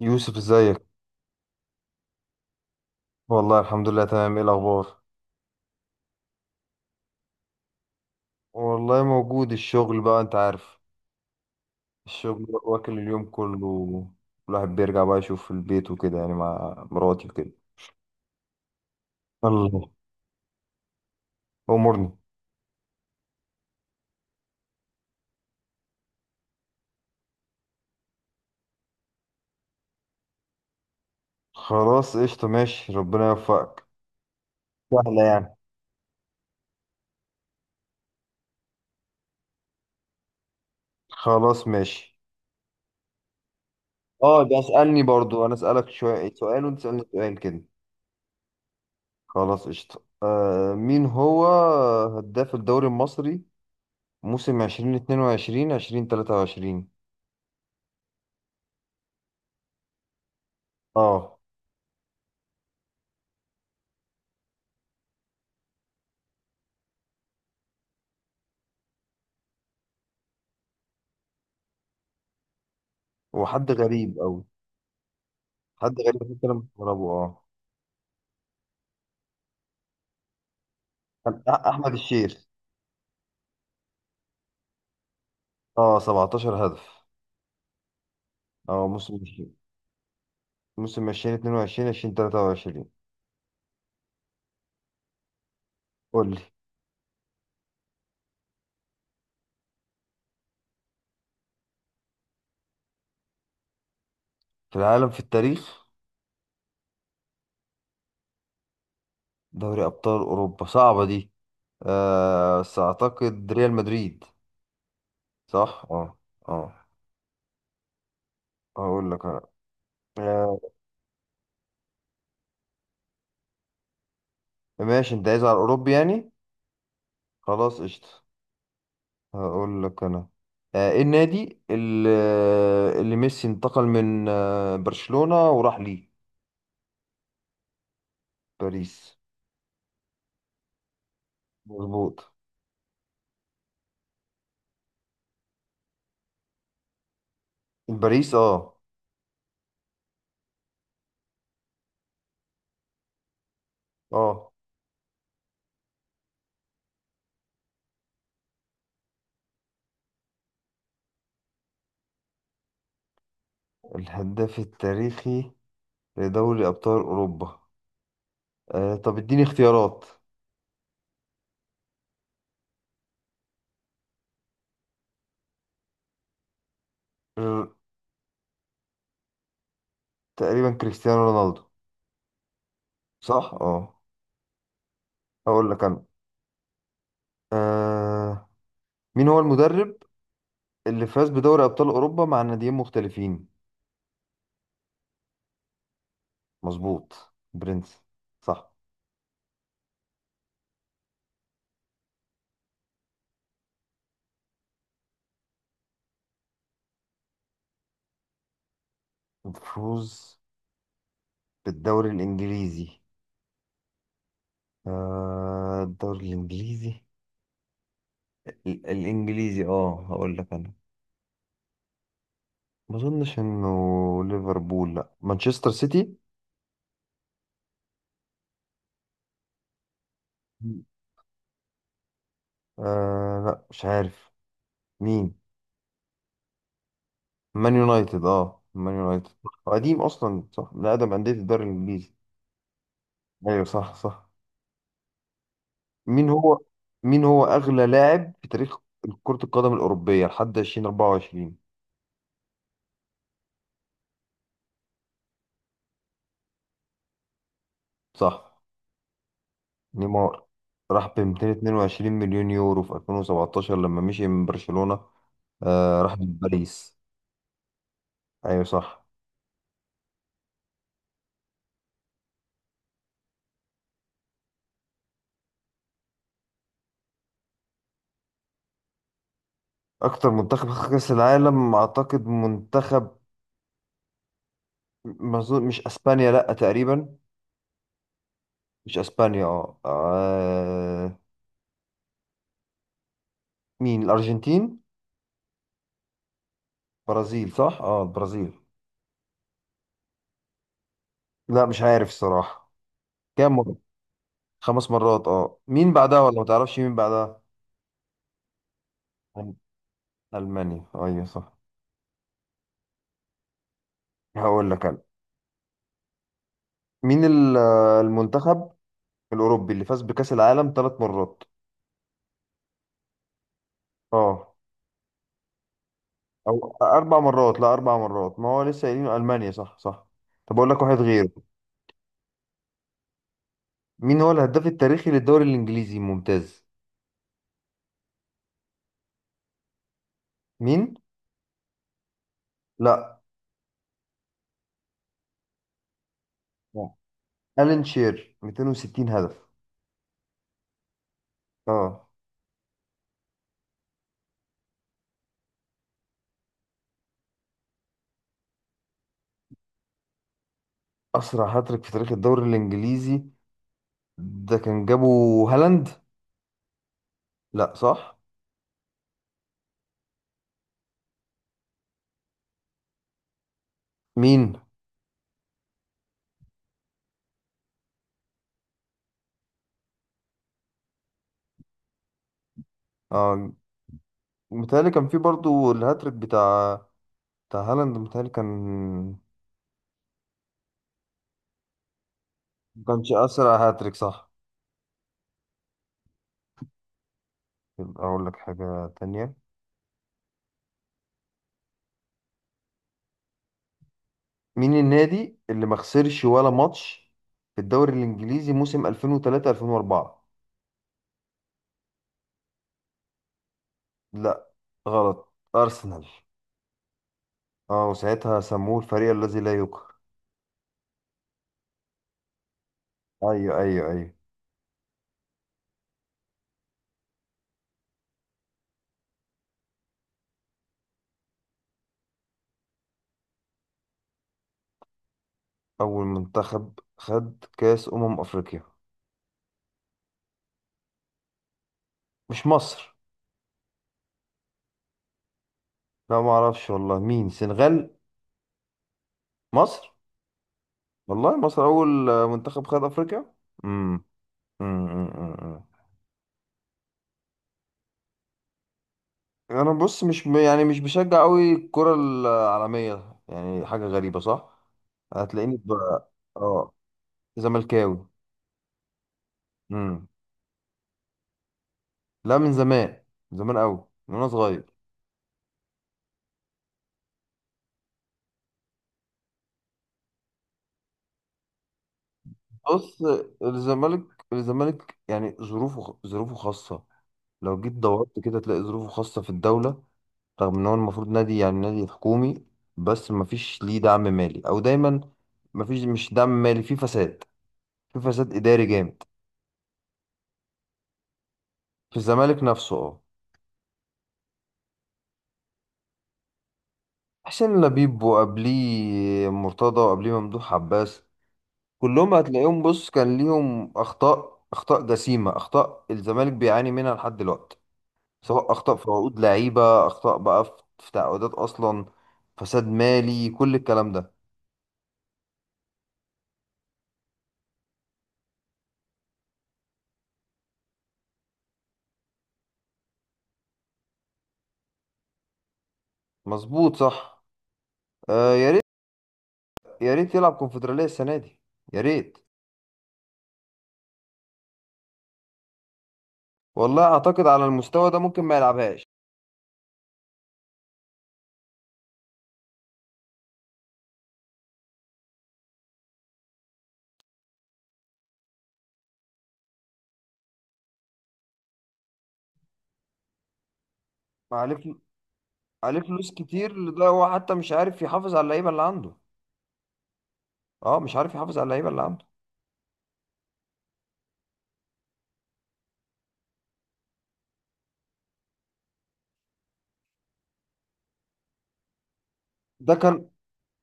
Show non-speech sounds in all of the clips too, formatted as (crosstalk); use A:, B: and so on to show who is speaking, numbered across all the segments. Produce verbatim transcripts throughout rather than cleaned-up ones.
A: يوسف ازيك؟ والله الحمد لله تمام. ايه الاخبار؟ والله موجود. الشغل بقى انت عارف. الشغل واكل اليوم كله. الواحد بيرجع بقى يشوف في البيت وكده، يعني مع مراتي وكده. الله، امورني. خلاص قشطة ماشي، ربنا يوفقك. سهلة يعني. خلاص ماشي. اه ده اسألني برضو، انا اسألك شوية سؤال وانت تسألني سؤال كده. خلاص قشطة. آه مين هو هداف الدوري المصري موسم ألفين واتنين وعشرين ألفين وتلاتة وعشرين؟ اه. هو حد غريب قوي. حد غريب بس انا مستغربه اه كان أ- احمد الشيخ. اه سبعة عشر هدف. اه موسم الشيخ. موسم ألفين واتنين وعشرين ألفين وتلاتة وعشرين. قول لي. في العالم في التاريخ. دوري ابطال اوروبا صعبه دي. آه بس اعتقد ريال مدريد. صح اه. اه. هقول لك انا. آه. ماشي انت عايز على الاوروبي يعني. خلاص قشطه. هقول لك انا. آه ايه النادي اللي, اللي ميسي انتقل من آه برشلونه وراح ليه؟ باريس. مظبوط. باريس اه. اه الهداف التاريخي لدوري أبطال أوروبا. آه طب اديني اختيارات. ر- تقريبا كريستيانو رونالدو. صح اه. هقول لك انا. آه مين هو المدرب اللي فاز بدوري أبطال أوروبا مع ناديين مختلفين؟ مظبوط برنس. صح. الفوز بالدوري الإنجليزي. آه الدوري الإنجليزي. ال- الإنجليزي اه هقول لك انا. ما اظنش انه ليفربول، لا مانشستر سيتي. آه لا مش عارف. مين؟ مان يونايتد اه مان يونايتد. هو قديم اصلا، صح، من اقدم انديه الدوري الانجليزي. ايوه صح صح. مين هو؟ مين هو اغلى لاعب في تاريخ كرة القدم الاوروبية لحد ألفين وأربعة وعشرين؟ صح. نيمار. راح ب مئتين واتنين وعشرين مليون يورو في ألفين وسبعتاشر لما مشي من برشلونة. آه راح لباريس. ايوه صح. اكتر منتخب خد كاس العالم اعتقد منتخب ما أظن- مش اسبانيا، لا تقريبا. مش اسبانيا اه آه، مين؟ الارجنتين. برازيل صح. اه البرازيل. لا مش عارف الصراحة. كام مرة؟ خمس مرات. اه مين بعدها؟ ولا ما تعرفش مين بعدها. ألم- المانيا، ايوه صح. هقول لك انا. مين ال- المنتخب الاوروبي اللي فاز بكأس العالم ثلاث مرات؟ اه. او اربع مرات، لا اربع مرات، ما هو لسه قايلين المانيا صح صح. طب اقول لك واحد غيره. مين هو الهداف التاريخي للدوري الانجليزي الممتاز؟ مين؟ لا. آه. ألان شير مئتين وستين هدف. اه. أسرع هاتريك في تاريخ الدوري الإنجليزي. ده كان جابه هالاند. لا صح. مين؟ اه. متهيألي كان في برضو الهاتريك بتاع بتاع هالاند، متهيألي كان. ما كانش أسرع هاتريك صح. يبقى أقول لك حاجة تانية. مين النادي اللي ما خسرش ولا ماتش في الدوري الإنجليزي موسم ألفين وثلاثة ألفين وأربعة؟ لا غلط. أرسنال. اه وساعتها سموه الفريق الذي لا يقهر. ايوه ايوه ايوه. أول منتخب خد كأس أمم أفريقيا. مش مصر. لا ما أعرفش والله. مين؟ سنغال؟ مصر. والله مصر أول آه، منتخب خد أفريقيا. امم. أمم، أمم، أمم. أنا بص مش ب- يعني مش بشجع أوي الكرة العالمية، يعني حاجة غريبة صح. هتلاقيني ب- اه زملكاوي. امم. لا من زمان. من زمان أوي. من وأنا صغير. بص الزمالك الزمالك يعني ظروفه ظروفه خاصة. لو جيت دورت كده تلاقي ظروفه خاصة في الدولة. رغم ان هو المفروض نادي، يعني نادي حكومي. بس مفيش ليه دعم مالي او دايما. مفيش مش دعم مالي، في فساد. في فساد اداري جامد. في الزمالك نفسه اه. حسين لبيب وقبليه مرتضى وقبليه ممدوح عباس. كلهم هتلاقيهم بص كان ليهم اخطاء اخطاء جسيمة، اخطاء الزمالك بيعاني منها لحد دلوقتي. سواء اخطاء في عقود لعيبة، اخطاء بقى في في تعاقدات اصلا. فساد مالي كل الكلام ده. مظبوط صح. آه يا ريت. يا ريت يلعب كونفدرالية السنة دي. يا ريت. والله أعتقد على المستوى ده ممكن ما يلعبهاش. عليه فل- عليه فلوس كتير. لده هو حتى مش عارف يحافظ على اللعيبة اللي عنده. اه مش عارف يحافظ على اللعيبة اللي عنده. ده كان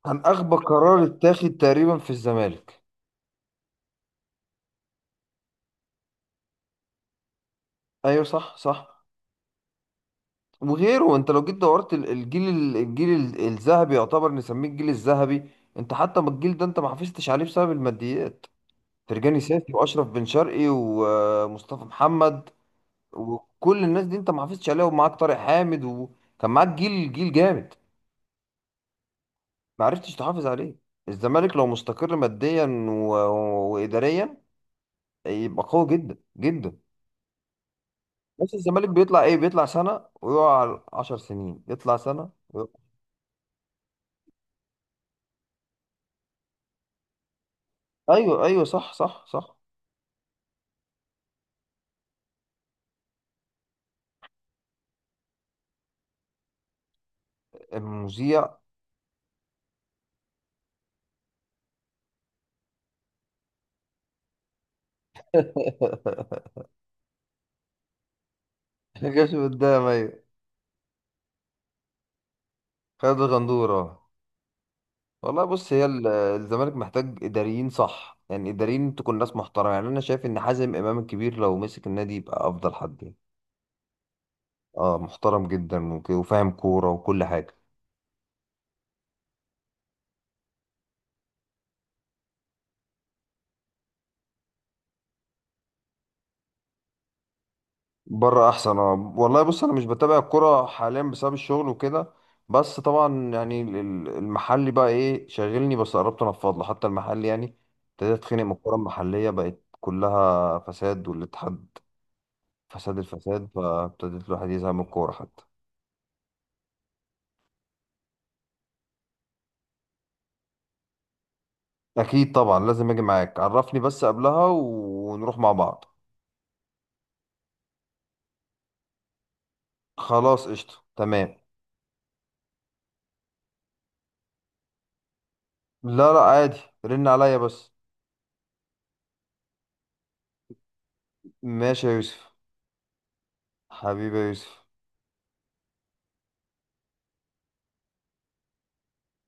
A: كان أغبى قرار اتاخد تقريبا في الزمالك. أيوه صح صح. وغيره انت لو جيت دورت ال- الجيل ال- الجيل ال- الذهبي، يعتبر نسميه الجيل الذهبي. انت حتى ما الجيل ده انت ما حافظتش عليه بسبب الماديات. فرجاني ساسي واشرف بن شرقي ومصطفى محمد. وكل الناس دي انت ما حافظتش عليها، ومعاك طارق حامد وكان معاك جيل جيل جامد. ما عرفتش تحافظ عليه. الزمالك لو مستقر ماديا و... واداريا يبقى قوي جدا جدا. بس الزمالك بيطلع ايه، بيطلع سنة ويقع على 10 سنين، يطلع سنة ويقع. ايوه ايوه صح صح صح. المذيع. (laughs) جاش قدام ايوه. خالد الغندورة. والله بص هي ال- الزمالك محتاج اداريين صح، يعني اداريين تكون ناس محترمه. يعني انا شايف ان حازم امام الكبير لو مسك النادي يبقى افضل حد يعني. اه محترم جدا وك- وفاهم كورة وكل حاجة. بره احسن. اه والله بص انا مش بتابع الكورة حاليا بسبب الشغل وكده. بس طبعا يعني ال- ال- المحلي بقى ايه شاغلني، بس قربت انفض له حتى المحلي يعني. ابتديت اتخانق من الكورة المحلية بقت كلها فساد، والاتحاد فساد الفساد، فابتديت الواحد يزهق من الكورة حتى. اكيد طبعا لازم اجي معاك، عرفني بس قبلها ونروح مع بعض. خلاص قشطة تمام. لا لا عادي. رن عليا بس. ماشي يا يوسف. حبيبي يا يوسف.